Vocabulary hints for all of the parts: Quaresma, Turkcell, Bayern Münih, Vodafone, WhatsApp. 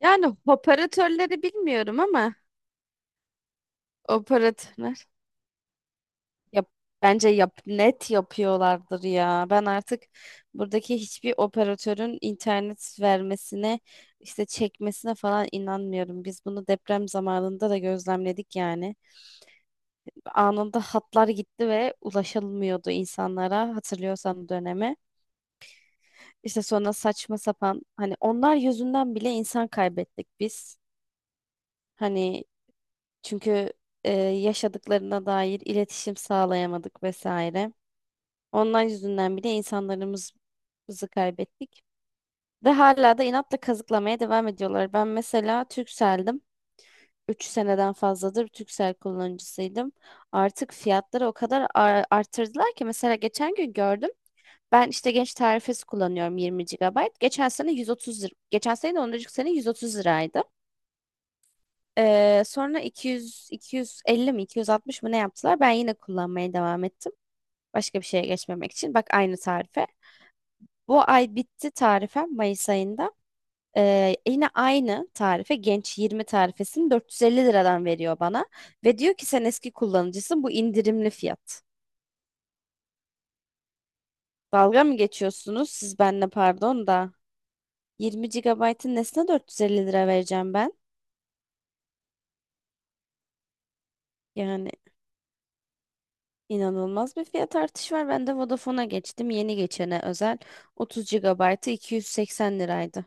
Yani, operatörleri bilmiyorum ama operatörler yap, bence yap, net yapıyorlardır ya. Ben artık buradaki hiçbir operatörün internet vermesine işte çekmesine falan inanmıyorum. Biz bunu deprem zamanında da gözlemledik yani. Anında hatlar gitti ve ulaşılmıyordu insanlara, hatırlıyorsan döneme. İşte sonra saçma sapan hani onlar yüzünden bile insan kaybettik biz. Hani. Çünkü yaşadıklarına dair iletişim sağlayamadık vesaire. Ondan yüzünden bile insanlarımızı kaybettik. Ve hala da inatla kazıklamaya devam ediyorlar. Ben mesela Turkcell'dim. Üç seneden fazladır Turkcell kullanıcısıydım. Artık fiyatları o kadar arttırdılar ki mesela geçen gün gördüm. Ben işte genç tarifesi kullanıyorum, 20 gigabayt. Geçen sene 130 lira. Geçen sene de ondan önceki sene 130 liraydı. Sonra 200, 250 mi 260 mı ne yaptılar? Ben yine kullanmaya devam ettim. Başka bir şeye geçmemek için. Bak, aynı tarife. Bu ay bitti tarifem, Mayıs ayında. Yine aynı tarife Genç 20 tarifesini 450 liradan veriyor bana. Ve diyor ki sen eski kullanıcısın, bu indirimli fiyat. Dalga mı geçiyorsunuz siz benimle, pardon da. 20 gigabaytın nesine 450 lira vereceğim ben? Yani, İnanılmaz bir fiyat artışı var. Ben de Vodafone'a geçtim. Yeni geçene özel 30 GB'ı 280 liraydı.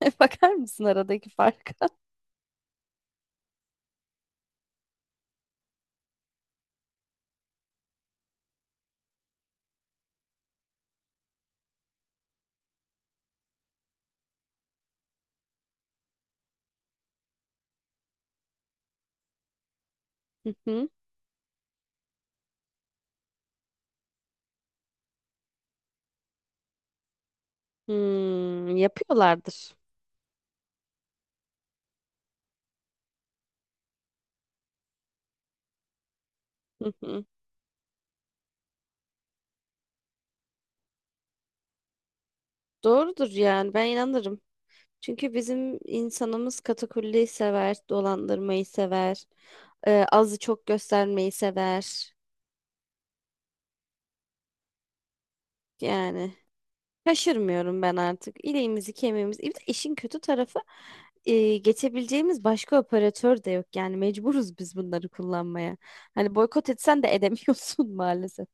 Bakar mısın aradaki farka? Hı hı. Hmm, yapıyorlardır. Hı hı. Doğrudur yani, ben inanırım. Çünkü bizim insanımız katakulliyi sever, dolandırmayı sever, azı çok göstermeyi sever. Yani, şaşırmıyorum ben artık. İleğimizi kemiğimizi. Bir de işin kötü tarafı, geçebileceğimiz başka operatör de yok. Yani mecburuz biz bunları kullanmaya. Hani boykot etsen de edemiyorsun maalesef.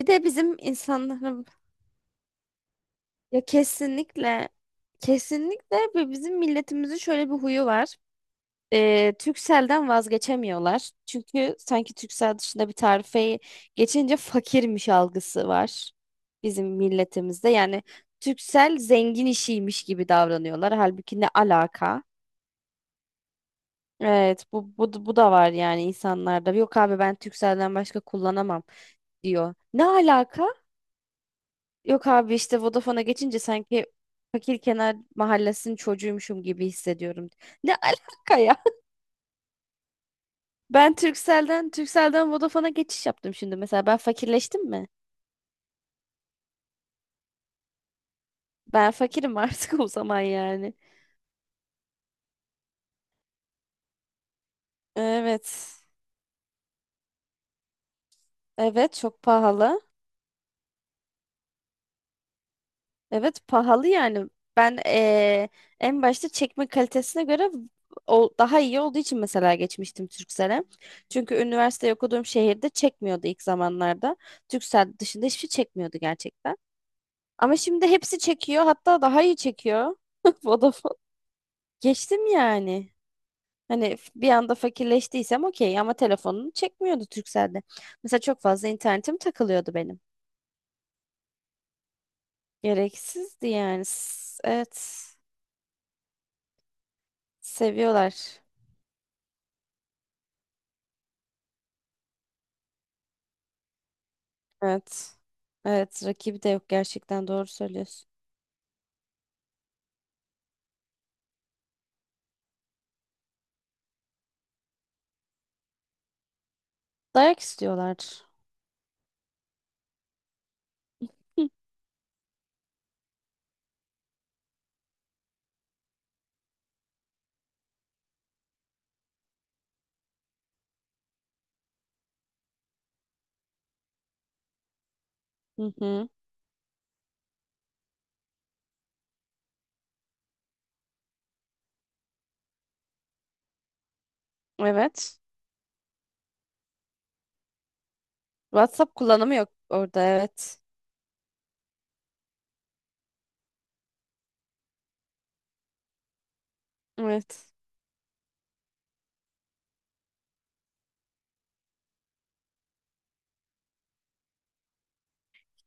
Bir de bizim insanların, ya, kesinlikle kesinlikle ve bizim milletimizin şöyle bir huyu var. Turkcell'den vazgeçemiyorlar. Çünkü sanki Turkcell dışında bir tarifeyi geçince fakirmiş algısı var bizim milletimizde. Yani, Turkcell zengin işiymiş gibi davranıyorlar. Halbuki ne alaka? Evet, bu da var yani insanlarda. Yok abi, ben Turkcell'den başka kullanamam diyor. Ne alaka? Yok abi, işte Vodafone'a geçince sanki fakir kenar mahallesinin çocuğuymuşum gibi hissediyorum. Ne alaka? Ben Turkcell'den Vodafone'a geçiş yaptım şimdi mesela. Ben fakirleştim mi? Ben fakirim artık o zaman yani. Evet. Evet, çok pahalı. Evet, pahalı yani. Ben en başta çekme kalitesine göre o daha iyi olduğu için mesela geçmiştim Turkcell'e. Çünkü üniversite okuduğum şehirde çekmiyordu ilk zamanlarda. Turkcell dışında hiçbir şey çekmiyordu gerçekten. Ama şimdi hepsi çekiyor. Hatta daha iyi çekiyor. Vodafone. Geçtim yani. Hani, bir anda fakirleştiysem okey ama telefonunu çekmiyordu Turkcell'de. Mesela çok fazla internetim takılıyordu benim. Gereksizdi yani. Evet. Seviyorlar. Evet. Evet. Rakibi de yok, gerçekten doğru söylüyorsun. Dayak istiyorlar. Hı hı. Hı. Evet. WhatsApp kullanımı yok orada, evet. Evet.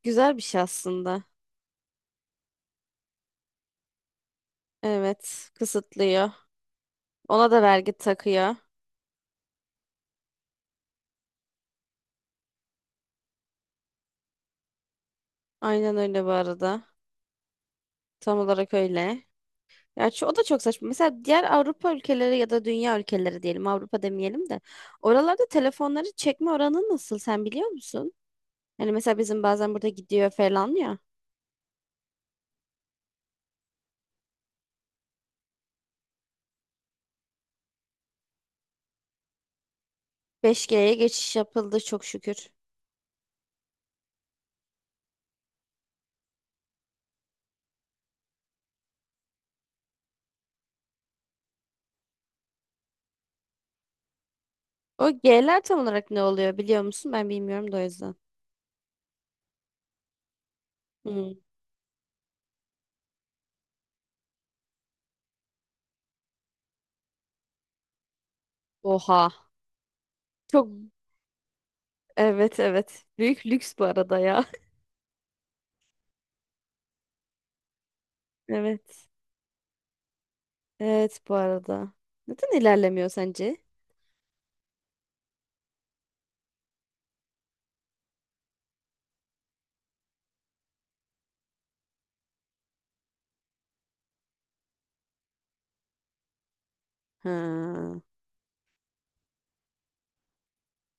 Güzel bir şey aslında. Evet. Kısıtlıyor. Ona da vergi takıyor. Aynen öyle bu arada. Tam olarak öyle. Ya şu, o da çok saçma. Mesela diğer Avrupa ülkeleri ya da dünya ülkeleri diyelim, Avrupa demeyelim de. Oralarda telefonları çekme oranı nasıl, sen biliyor musun? Hani mesela bizim bazen burada gidiyor falan ya. 5G'ye geçiş yapıldı çok şükür. O G'ler tam olarak ne oluyor, biliyor musun? Ben bilmiyorum da, o yüzden. Hmm. Oha. Çok. Evet, evet. Büyük lüks bu arada ya. Evet. Evet, bu arada. Neden ilerlemiyor sence? Ha,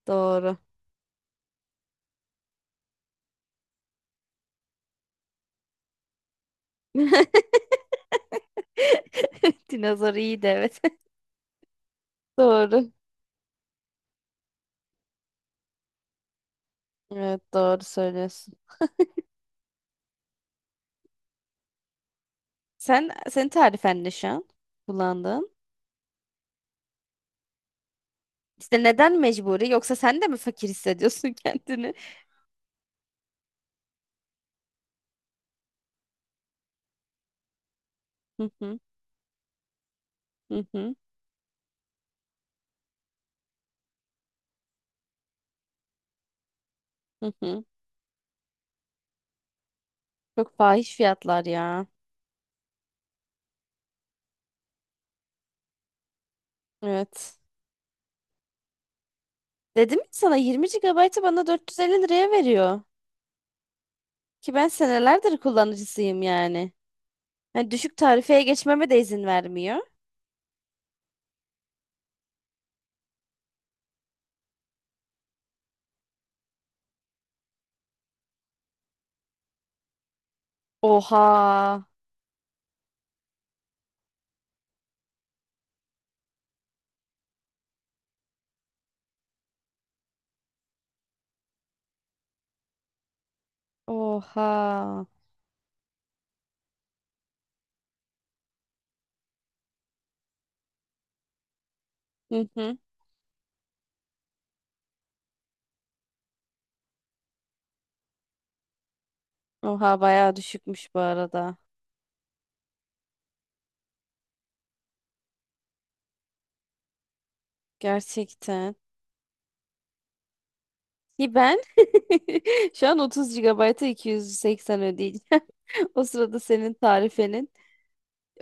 doğru. Dinozor iyi de, evet. Doğru. Evet, doğru söylüyorsun. Sen, senin tarifen ne şu an kullandığın? İşte neden mecburi? Yoksa sen de mi fakir hissediyorsun kendini? Hı hı, hı hı, hı hı. Çok fahiş fiyatlar ya. Evet. Dedim ya sana, 20 gigabaytı bana 450 liraya veriyor. Ki ben senelerdir kullanıcısıyım yani. Hani düşük tarifeye geçmeme de izin vermiyor. Oha. Oha. Hı hı. Oha, bayağı düşükmüş bu arada. Gerçekten. Ki ben şu an 30 GB'a 280 ödeyeceğim. O sırada senin tarifenin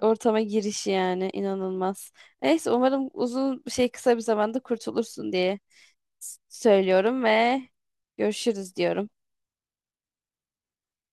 ortama girişi yani, inanılmaz. Neyse, umarım uzun bir şey kısa bir zamanda kurtulursun diye söylüyorum ve görüşürüz diyorum.